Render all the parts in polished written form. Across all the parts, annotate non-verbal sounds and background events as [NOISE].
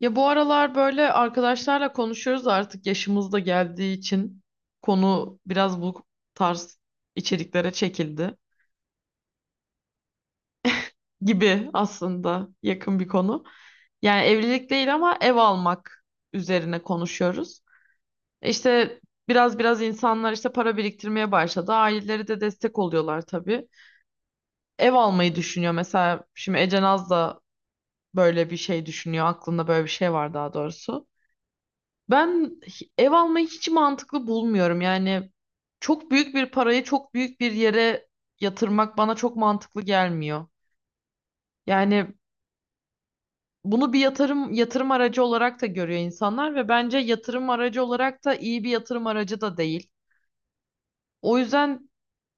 Ya bu aralar böyle arkadaşlarla konuşuyoruz artık yaşımız da geldiği için konu biraz bu tarz içeriklere çekildi gibi aslında yakın bir konu. Yani evlilik değil ama ev almak üzerine konuşuyoruz. İşte biraz insanlar işte para biriktirmeye başladı. Aileleri de destek oluyorlar tabii. Ev almayı düşünüyor mesela şimdi Ece Naz da böyle bir şey düşünüyor. Aklında böyle bir şey var daha doğrusu. Ev almayı hiç mantıklı bulmuyorum. Yani çok büyük bir parayı çok büyük bir yere yatırmak bana çok mantıklı gelmiyor. Yani bunu bir yatırım aracı olarak da görüyor insanlar ve bence yatırım aracı olarak da iyi bir yatırım aracı da değil. O yüzden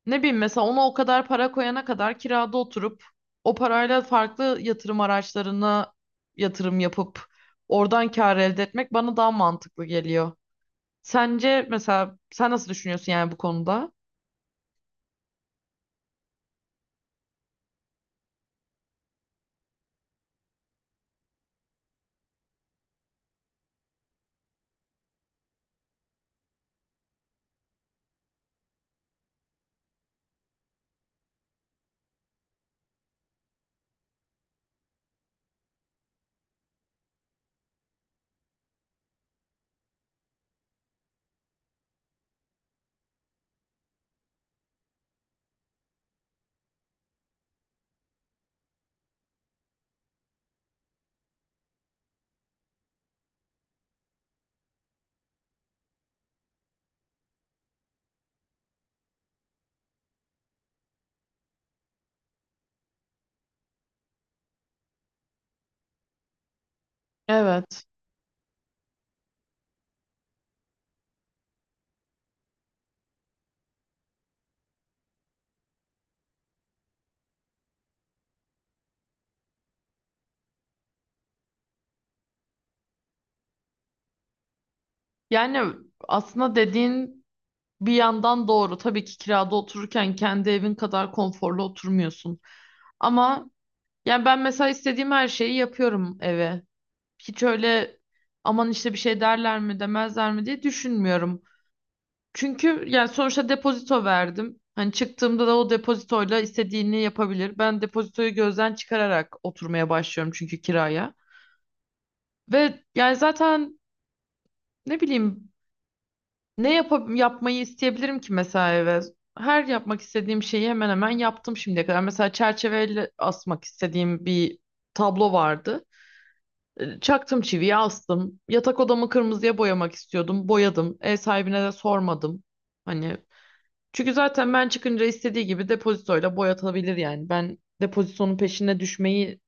ne bileyim mesela ona o kadar para koyana kadar kirada oturup o parayla farklı yatırım araçlarına yatırım yapıp oradan kar elde etmek bana daha mantıklı geliyor. Sence mesela sen nasıl düşünüyorsun yani bu konuda? Evet. Yani aslında dediğin bir yandan doğru. Tabii ki kirada otururken kendi evin kadar konforlu oturmuyorsun. Ama yani ben mesela istediğim her şeyi yapıyorum eve. Hiç öyle aman işte bir şey derler mi demezler mi diye düşünmüyorum. Çünkü yani sonuçta depozito verdim. Hani çıktığımda da o depozitoyla istediğini yapabilir. Ben depozitoyu gözden çıkararak oturmaya başlıyorum çünkü kiraya. Ve yani zaten ne bileyim ne yapmayı isteyebilirim ki mesela eve? Her yapmak istediğim şeyi hemen hemen yaptım şimdiye kadar. Mesela çerçeveyle asmak istediğim bir tablo vardı. Çaktım çiviyi astım. Yatak odamı kırmızıya boyamak istiyordum. Boyadım. Ev sahibine de sormadım. Hani çünkü zaten ben çıkınca istediği gibi depozitoyla boyatabilir yani. Ben depozitonun peşine düşmeyi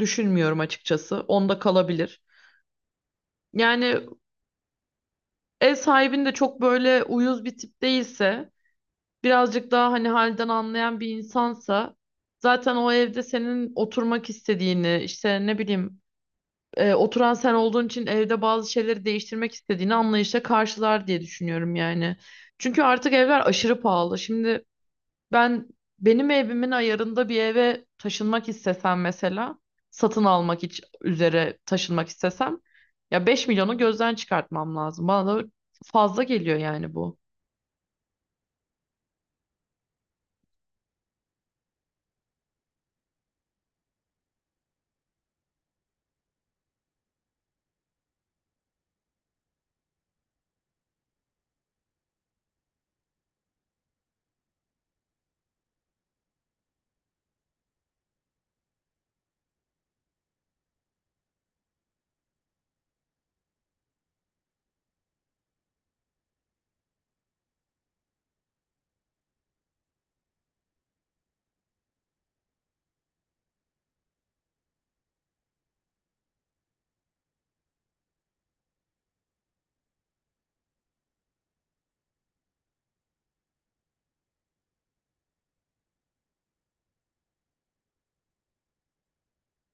düşünmüyorum açıkçası. Onda kalabilir. Yani ev sahibin de çok böyle uyuz bir tip değilse, birazcık daha hani halden anlayan bir insansa zaten o evde senin oturmak istediğini, işte ne bileyim oturan sen olduğun için evde bazı şeyleri değiştirmek istediğini anlayışla karşılar diye düşünüyorum yani. Çünkü artık evler aşırı pahalı. Şimdi ben benim evimin ayarında bir eve taşınmak istesem mesela üzere taşınmak istesem ya beş milyonu gözden çıkartmam lazım. Bana da fazla geliyor yani bu.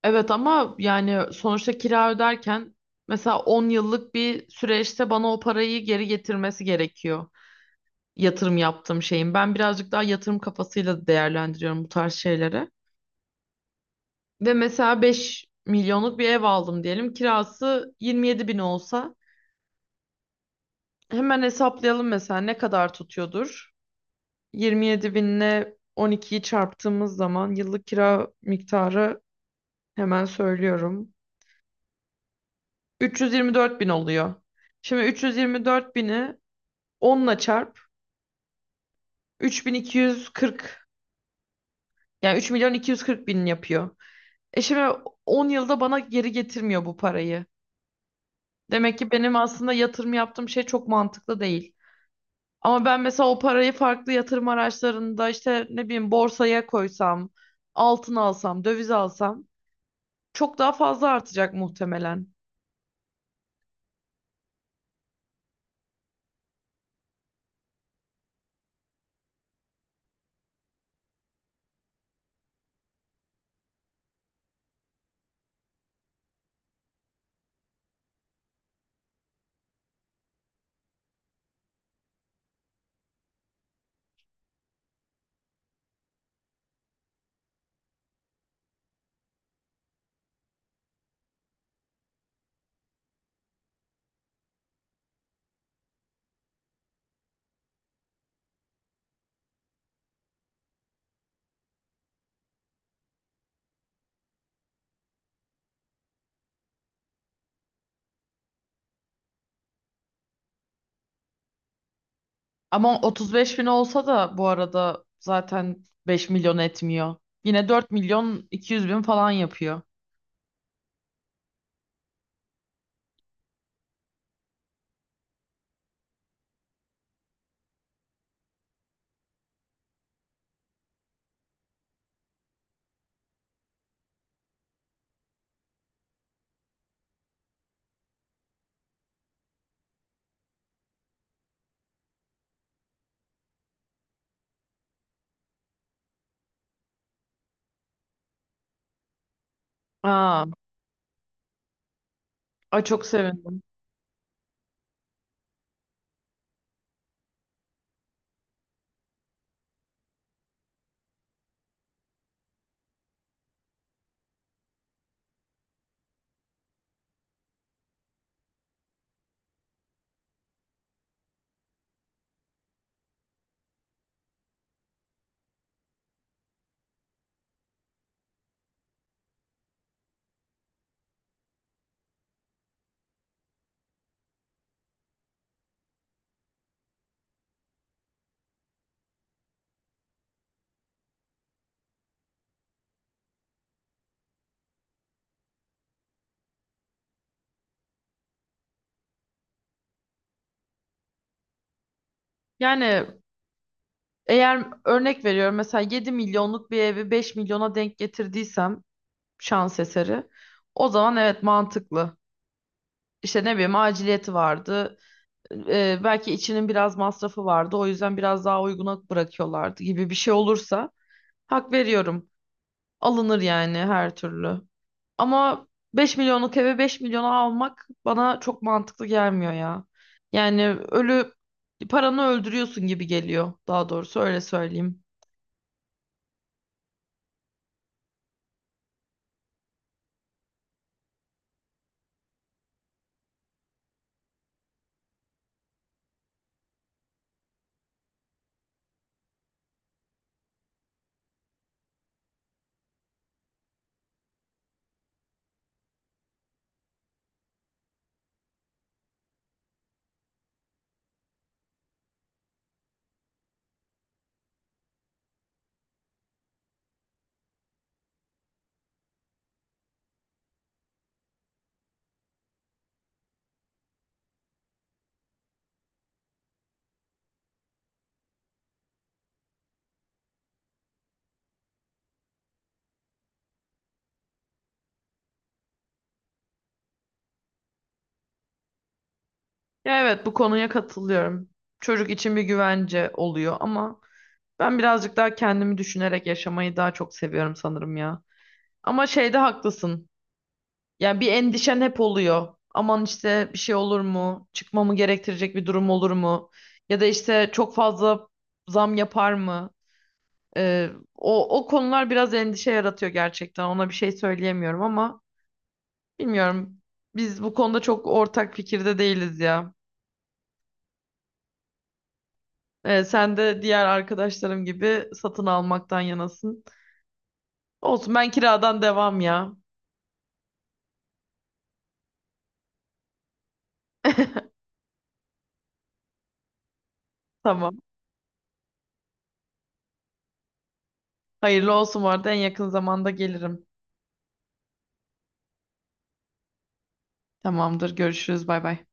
Evet ama yani sonuçta kira öderken mesela 10 yıllık bir süreçte bana o parayı geri getirmesi gerekiyor. Yatırım yaptığım şeyin. Ben birazcık daha yatırım kafasıyla değerlendiriyorum bu tarz şeyleri. Ve mesela 5 milyonluk bir ev aldım diyelim. Kirası 27 bin olsa hemen hesaplayalım mesela ne kadar tutuyordur. 27 binle 12'yi çarptığımız zaman yıllık kira miktarı hemen söylüyorum. 324 bin oluyor. Şimdi 324 bini onla çarp. 3.240 yani 3 milyon 240 bin yapıyor. E şimdi 10 yılda bana geri getirmiyor bu parayı. Demek ki benim aslında yatırım yaptığım şey çok mantıklı değil. Ama ben mesela o parayı farklı yatırım araçlarında işte ne bileyim borsaya koysam, altın alsam, döviz alsam çok daha fazla artacak muhtemelen. Ama 35 bin olsa da bu arada zaten 5 milyon etmiyor. Yine 4 milyon 200 bin falan yapıyor. Aa, ay çok sevindim. Yani eğer örnek veriyorum mesela 7 milyonluk bir evi 5 milyona denk getirdiysem şans eseri o zaman evet mantıklı. İşte ne bileyim aciliyeti vardı. Belki içinin biraz masrafı vardı. O yüzden biraz daha uyguna bırakıyorlardı gibi bir şey olursa hak veriyorum. Alınır yani her türlü. Ama 5 milyonluk eve 5 milyona almak bana çok mantıklı gelmiyor ya. Yani ölü paranı öldürüyorsun gibi geliyor. Daha doğrusu öyle söyleyeyim. Ya evet bu konuya katılıyorum. Çocuk için bir güvence oluyor ama ben birazcık daha kendimi düşünerek yaşamayı daha çok seviyorum sanırım ya. Ama şeyde haklısın. Yani bir endişen hep oluyor. Aman işte bir şey olur mu? Çıkmamı gerektirecek bir durum olur mu? Ya da işte çok fazla zam yapar mı? Ee, o konular biraz endişe yaratıyor gerçekten. Ona bir şey söyleyemiyorum ama bilmiyorum. Biz bu konuda çok ortak fikirde değiliz ya. Sen de diğer arkadaşlarım gibi satın almaktan yanasın. Olsun ben kiradan devam ya. [LAUGHS] Tamam. Hayırlı olsun bu arada en yakın zamanda gelirim. Tamamdır. Görüşürüz. Bay bay.